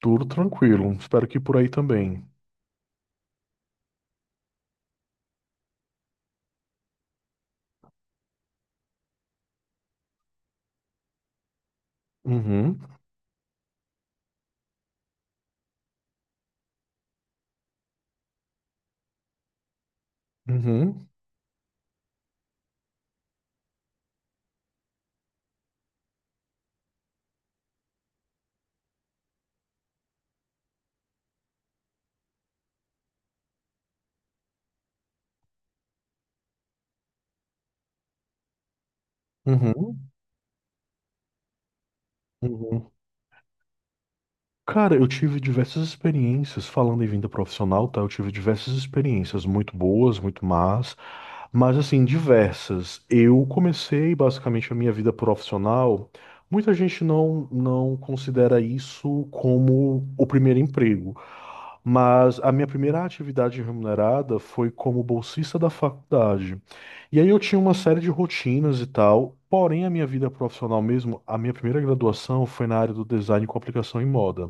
Tudo tranquilo. Espero que por aí também. Uhum. Uhum. Uhum. Uhum. Cara, eu tive diversas experiências, falando em vinda profissional, tá? Eu tive diversas experiências muito boas, muito más. Mas assim, diversas. Eu comecei basicamente a minha vida profissional. Muita gente não considera isso como o primeiro emprego. Mas a minha primeira atividade remunerada foi como bolsista da faculdade. E aí eu tinha uma série de rotinas e tal. Porém, a minha vida profissional mesmo, a minha primeira graduação foi na área do design com aplicação em moda.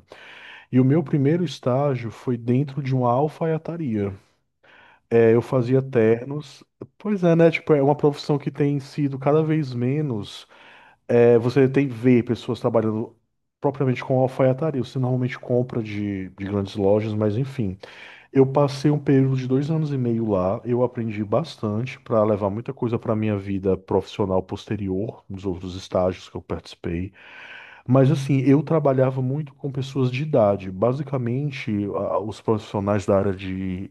E o meu primeiro estágio foi dentro de uma alfaiataria. Eu fazia ternos. Pois é, né? Tipo, é uma profissão que tem sido cada vez menos. É, você tem ver pessoas trabalhando propriamente com alfaiataria. Você normalmente compra de grandes lojas, mas enfim. Eu passei um período de dois anos e meio lá. Eu aprendi bastante para levar muita coisa para minha vida profissional posterior, nos outros estágios que eu participei. Mas assim, eu trabalhava muito com pessoas de idade. Basicamente, os profissionais da área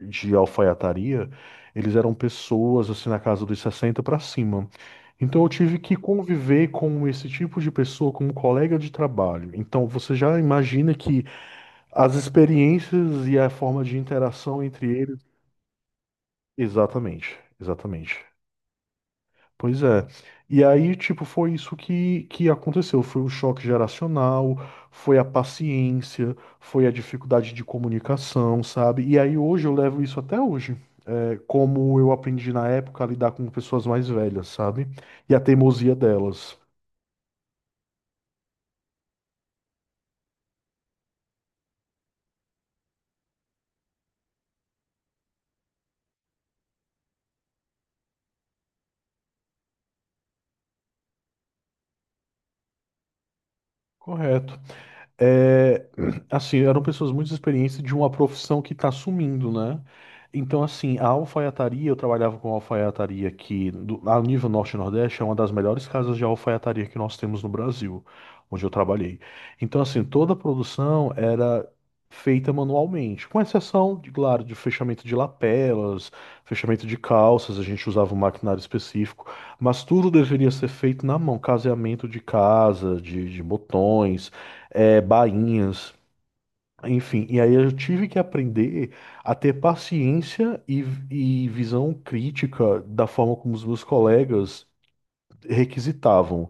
de alfaiataria, eles eram pessoas assim na casa dos 60 para cima. Então eu tive que conviver com esse tipo de pessoa como colega de trabalho. Então você já imagina que as experiências e a forma de interação entre eles. Exatamente, exatamente. Pois é. E aí, tipo, foi isso que aconteceu. Foi o choque geracional, foi a paciência, foi a dificuldade de comunicação, sabe? E aí hoje eu levo isso até hoje. Como eu aprendi na época a lidar com pessoas mais velhas, sabe? E a teimosia delas. Correto. É, assim, eram pessoas muito experientes de uma profissão que está sumindo, né? Então, assim, a alfaiataria, eu trabalhava com alfaiataria aqui do, a nível norte-nordeste, é uma das melhores casas de alfaiataria que nós temos no Brasil, onde eu trabalhei. Então, assim, toda a produção era feita manualmente, com exceção, de, claro, de fechamento de lapelas, fechamento de calças, a gente usava um maquinário específico. Mas tudo deveria ser feito na mão, caseamento de casa, de botões, bainhas, enfim. E aí eu tive que aprender a ter paciência e visão crítica da forma como os meus colegas requisitavam.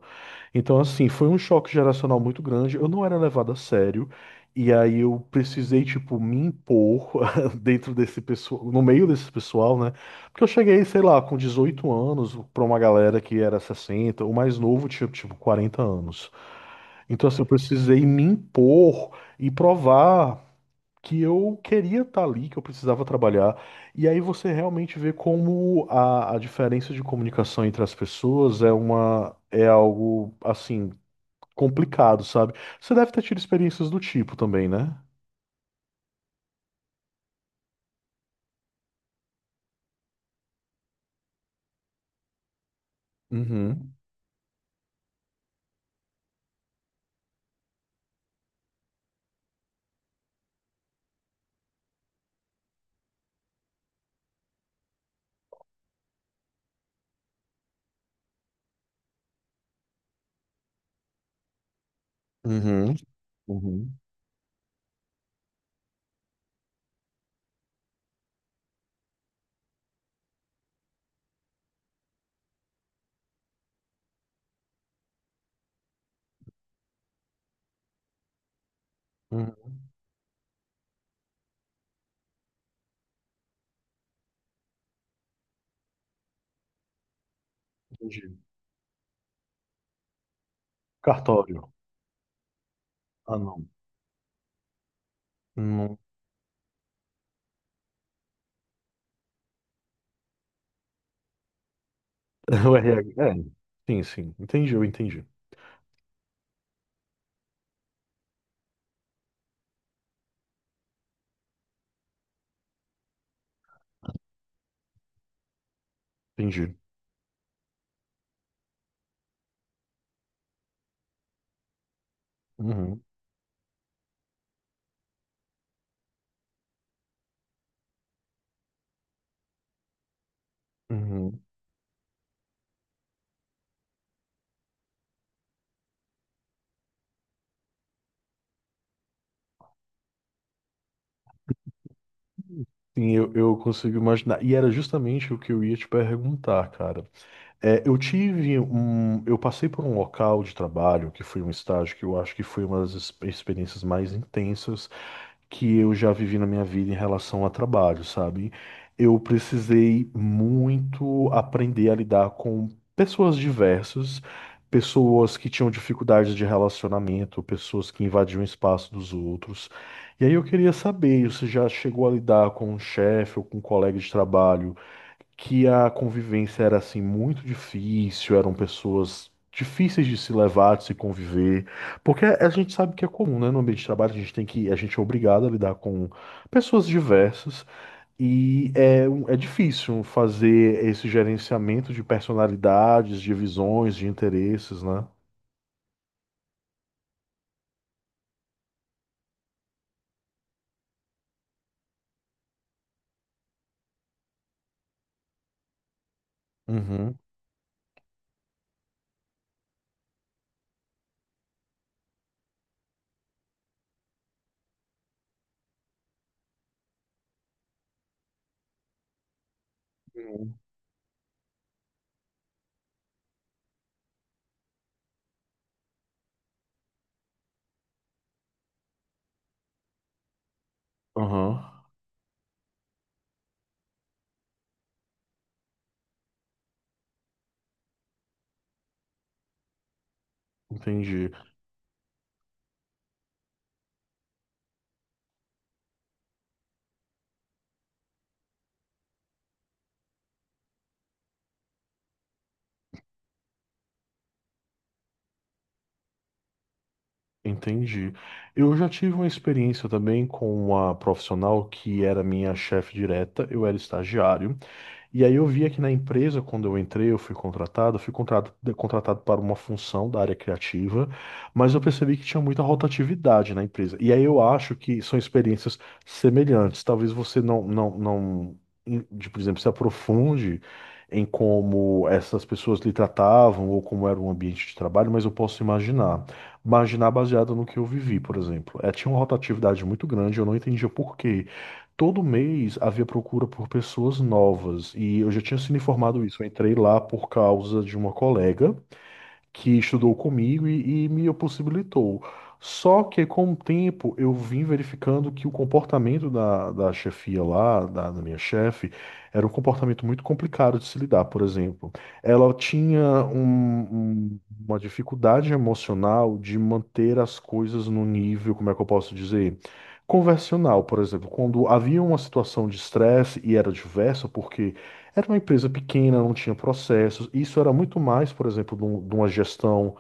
Então, assim, foi um choque geracional muito grande. Eu não era levado a sério. E aí eu precisei, tipo, me impor dentro desse pessoal, no meio desse pessoal, né? Porque eu cheguei, sei lá, com 18 anos pra uma galera que era 60, o mais novo tinha, tipo, 40 anos. Então, assim, eu precisei me impor e provar que eu queria estar ali, que eu precisava trabalhar. E aí você realmente vê como a diferença de comunicação entre as pessoas é uma é algo assim complicado, sabe? Você deve ter tido experiências do tipo também, né? Uhum. Uhum. Uhum. Uhum. Entendi. Cartório. Ah, não. Não. O RH. É. Sim, sim. Entendi, eu entendi. Entendi. Uhum. Uhum. Sim, eu consigo imaginar. E era justamente o que eu ia te perguntar, cara. É, eu tive um. Eu passei por um local de trabalho que foi um estágio que eu acho que foi uma das experiências mais intensas que eu já vivi na minha vida em relação a trabalho, sabe? Eu precisei muito aprender a lidar com pessoas diversas, pessoas que tinham dificuldades de relacionamento, pessoas que invadiam o espaço dos outros. E aí eu queria saber, você já chegou a lidar com um chefe ou com um colega de trabalho? Que a convivência era assim muito difícil, eram pessoas difíceis de se levar, de se conviver, porque a gente sabe que é comum, né, no ambiente de trabalho, a gente tem que, a gente é obrigado a lidar com pessoas diversas e é difícil fazer esse gerenciamento de personalidades, de visões, de interesses, né? Uhum. Uhum. Aham. Entendi. Entendi. Eu já tive uma experiência também com uma profissional que era minha chefe direta, eu era estagiário. E aí eu via que na empresa, quando eu entrei, eu fui contratado, contratado para uma função da área criativa, mas eu percebi que tinha muita rotatividade na empresa. E aí eu acho que são experiências semelhantes. Talvez você não, por exemplo, se aprofunde em como essas pessoas lhe tratavam ou como era o ambiente de trabalho, mas eu posso imaginar. Imaginar baseado no que eu vivi, por exemplo. É, tinha uma rotatividade muito grande, eu não entendia por quê. Todo mês havia procura por pessoas novas e eu já tinha sido informado isso. Eu entrei lá por causa de uma colega que estudou comigo e me possibilitou. Só que com o tempo eu vim verificando que o comportamento da chefia lá, da minha chefe, era um comportamento muito complicado de se lidar, por exemplo. Ela tinha um- uma dificuldade emocional de manter as coisas no nível, como é que eu posso dizer? Conversional, por exemplo, quando havia uma situação de estresse e era diversa, porque era uma empresa pequena, não tinha processos. Isso era muito mais, por exemplo, de uma gestão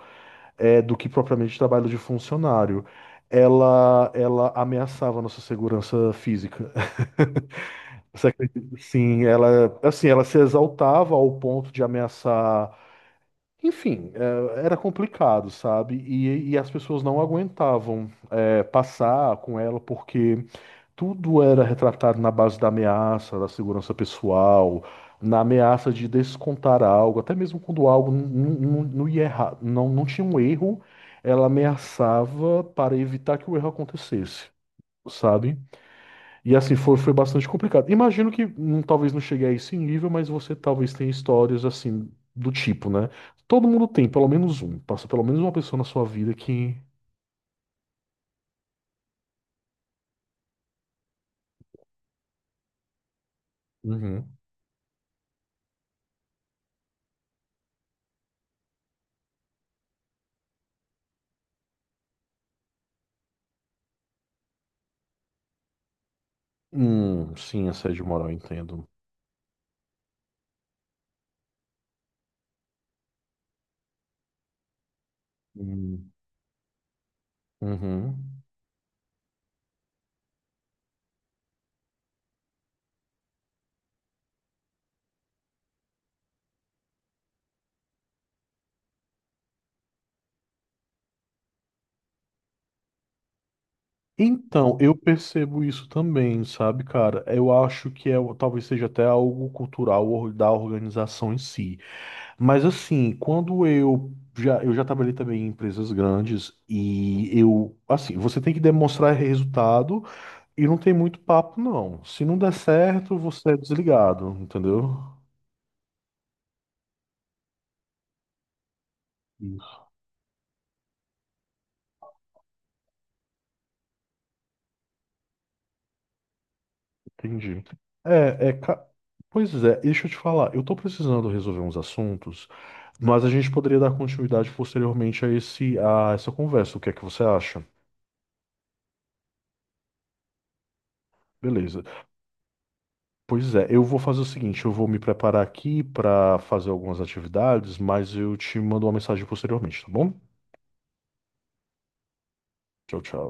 do que propriamente trabalho de funcionário. Ela ameaçava a nossa segurança física. Você acredita? Sim, ela, assim, ela se exaltava ao ponto de ameaçar. Enfim, era complicado, sabe? E as pessoas não aguentavam passar com ela porque tudo era retratado na base da ameaça, da segurança pessoal, na ameaça de descontar algo, até mesmo quando algo não ia errar, não tinha um erro, ela ameaçava para evitar que o erro acontecesse, sabe? E assim, foi, foi bastante complicado. Imagino que talvez não chegue a esse nível, mas você talvez tenha histórias assim, do tipo, né? Todo mundo tem, pelo menos um. Passa pelo menos uma pessoa na sua vida que. Uhum. Sim, assédio moral, entendo. Hum. Uhum. Então, eu percebo isso também, sabe, cara? Eu acho que é, talvez seja até algo cultural da organização em si. Mas assim, quando eu já trabalhei também em empresas grandes e eu, assim, você tem que demonstrar resultado e não tem muito papo, não. Se não der certo, você é desligado, entendeu? Entendi. É, é. ca- Pois é, deixa eu te falar. Eu tô precisando resolver uns assuntos, mas a gente poderia dar continuidade posteriormente a esse, a essa conversa. O que é que você acha? Beleza. Pois é, eu vou fazer o seguinte, eu vou me preparar aqui para fazer algumas atividades, mas eu te mando uma mensagem posteriormente, tá bom? Tchau, tchau.